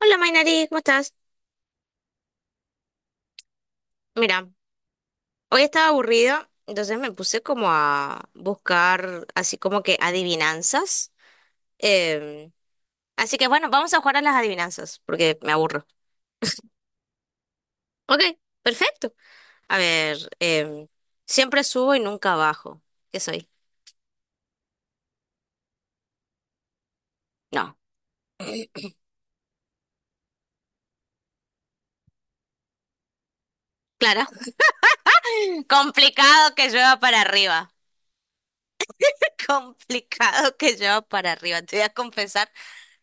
Hola Mainari, ¿cómo estás? Mira, hoy estaba aburrida, entonces me puse como a buscar así como que adivinanzas. Em, así que bueno, vamos a jugar a las adivinanzas, porque me aburro. Ok, perfecto. A ver, siempre subo y nunca bajo. ¿Qué soy? No, claro. Complicado que llueva para arriba. Complicado que llueva para arriba. Te voy a confesar,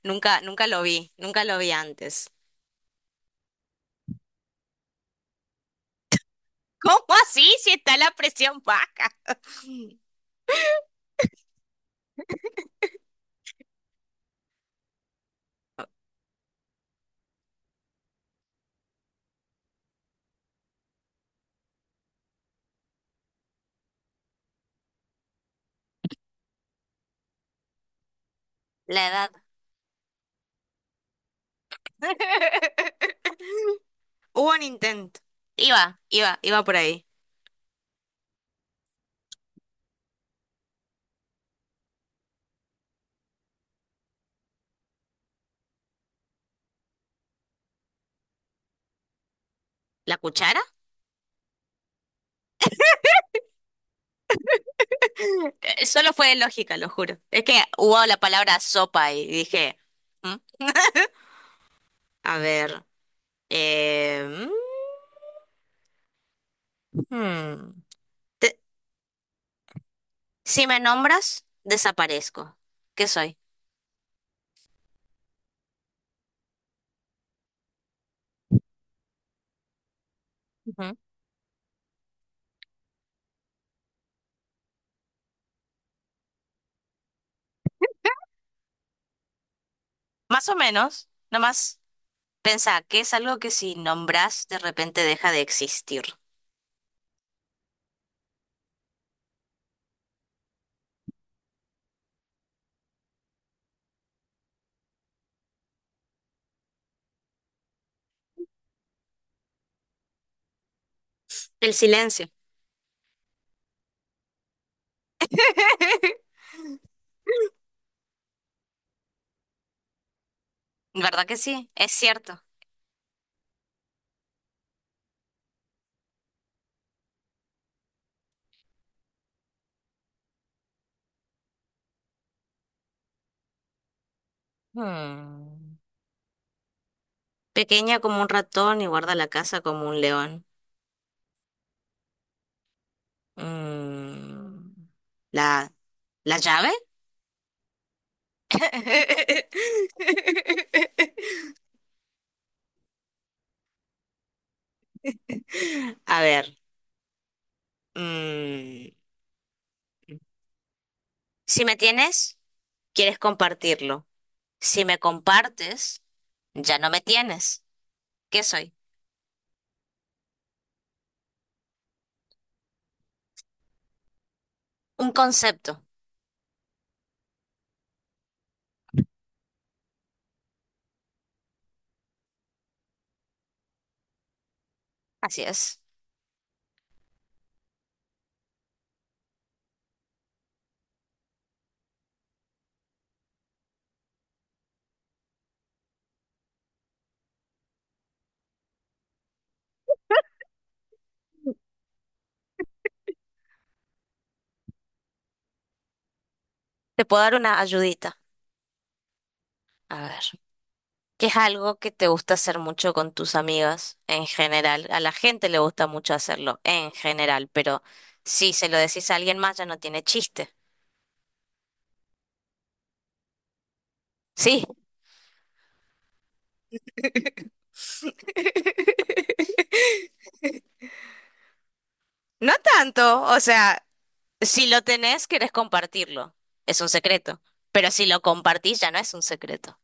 nunca, nunca lo vi, nunca lo vi antes. ¿Cómo así si está la presión baja? La edad. Hubo un intento. Iba, iba, iba por ahí. ¿La cuchara? Solo fue lógica, lo juro. Es que hubo la palabra sopa y dije, ¿Mm? A ver. eh, mm, hmm. te- si me nombras, desaparezco. ¿Qué soy? Ujú. Más o menos, nomás pensá que es algo que si nombras, de repente deja de existir. El silencio. ¿Verdad que sí? Es cierto. Hmm. Pequeña como un ratón y guarda la casa como un león. Mm, ¿la, la llave? A ver, mm, si me tienes, quieres compartirlo. Si me compartes, ya no me tienes. ¿Qué soy? Un concepto. Así es. Te puedo dar una ayudita. A ver. Que es algo que te gusta hacer mucho con tus amigas en general. A la gente le gusta mucho hacerlo en general, pero si se lo decís a alguien más ya no tiene chiste. Sí. No tanto, o sea, si lo tenés, querés compartirlo. Es un secreto. Pero si lo compartís, ya no es un secreto.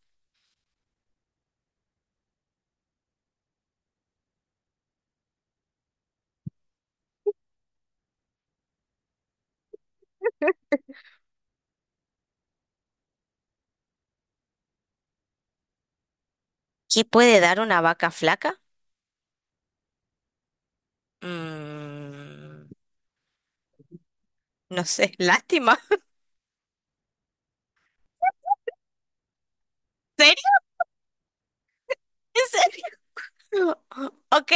¿Qué puede dar una vaca flaca? Mm, no sé, lástima. ¿En serio? ¿En serio? Ok,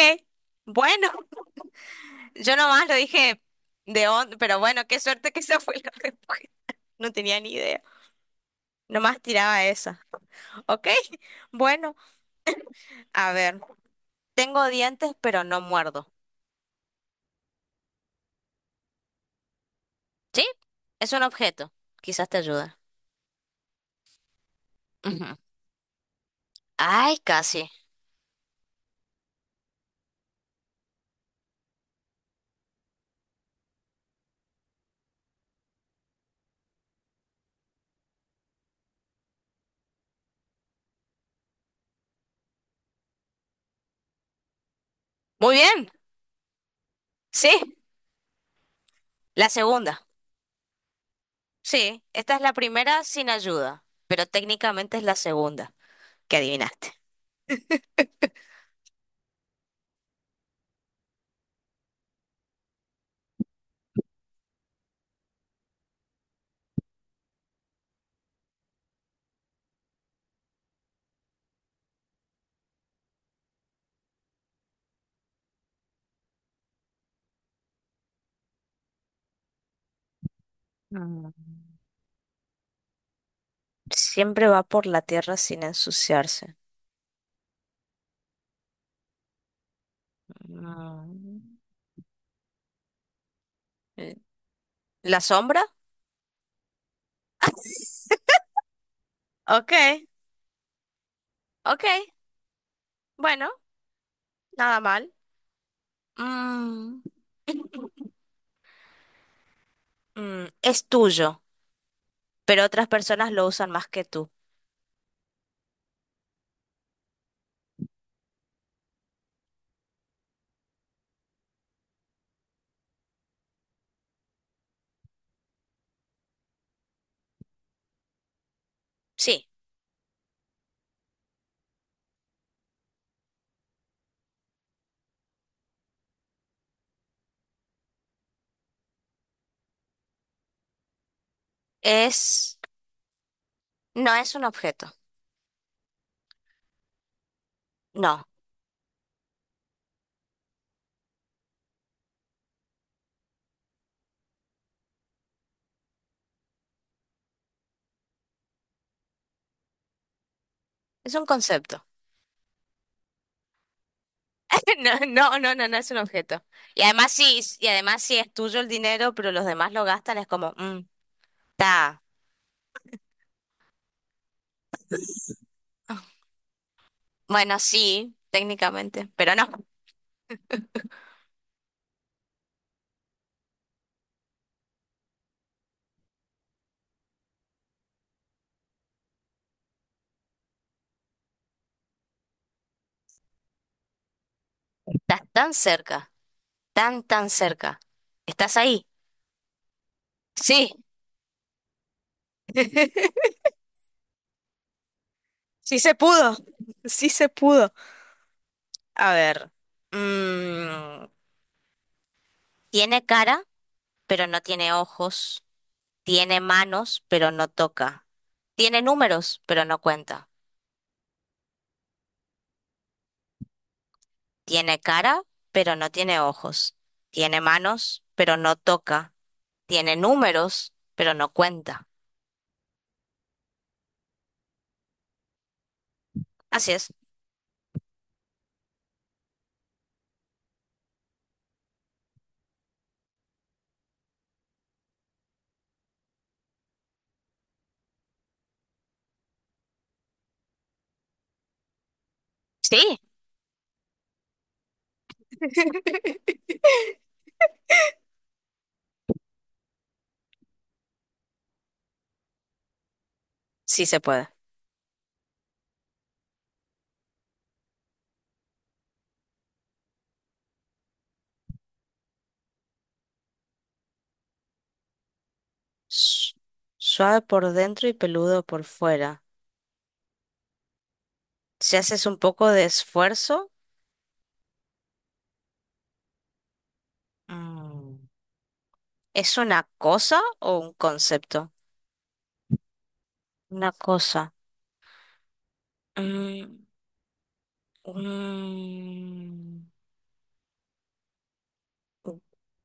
bueno. Yo nomás lo dije de onda, pero bueno, qué suerte que esa fue la respuesta. No tenía ni idea. Nomás tiraba esa. Ok, bueno, a ver. Tengo dientes, pero no muerdo. ¿Sí? Es un objeto. Quizás te ayude. Ujú. Ay, casi. Muy bien. Sí, la segunda. Sí, esta es la primera sin ayuda, pero técnicamente es la segunda que adivinaste. Mm. Siempre va por la tierra sin ensuciarse. Mm. Eh, ¿la sombra? Ok, ok, bueno, nada mal. Mm, es tuyo, pero otras personas lo usan más que tú. Sí, es... No es un objeto, no, es un concepto. No, no, no, no, no es un objeto. Y además sí es tuyo el dinero, pero los demás lo gastan, es como, está, bueno, sí, técnicamente, pero no, estás tan cerca, tan, tan cerca. ¿Estás ahí? Sí, sí se pudo, sí se pudo. A ver. mm, tiene cara, pero no tiene ojos. Tiene manos, pero no toca. Tiene números, pero no cuenta. Tiene cara, pero no tiene ojos. Tiene manos, pero no toca. Tiene números, pero no cuenta. Así es. Sí, sí se puede. Su- Suave por dentro y peludo por fuera. Si haces un poco de esfuerzo, mm, ¿es una cosa o un concepto? Una cosa. Eh, Mm, un,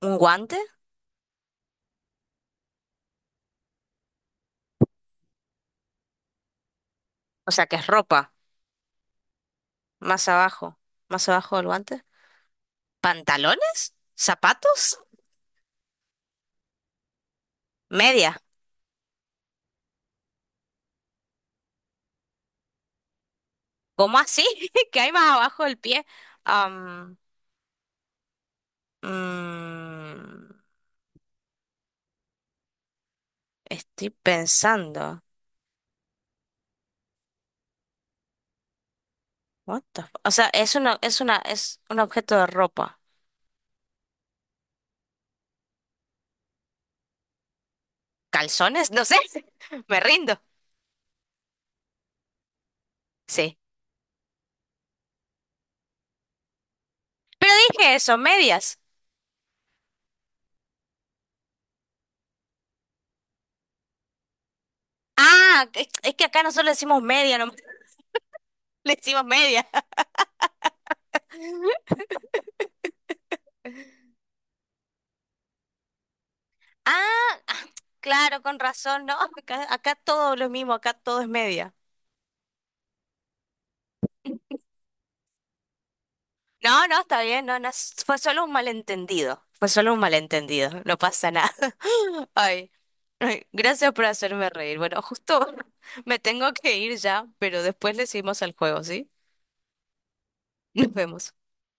un guante, o sea, que es ropa, más abajo, más abajo del guante. ¿Pantalones? ¿Zapatos? ¿Media? ¿Cómo así? ¿Qué hay más abajo del pie? Am, mm, estoy pensando. O sea, es un objeto de ropa. ¿Calzones? No sé. Me rindo. Sí. Pero dije eso, medias. Ah, es que acá nosotros le decimos media, no le decimos media. Ah, ah, claro, con razón, no, acá, acá todo lo mismo, acá todo es media. No, no, está bien, no, no, fue solo un malentendido, fue solo un malentendido, no pasa nada. Ay, ay, gracias por hacerme reír. Bueno, justo me tengo que ir ya, pero después le seguimos al juego, ¿sí? Nos vemos.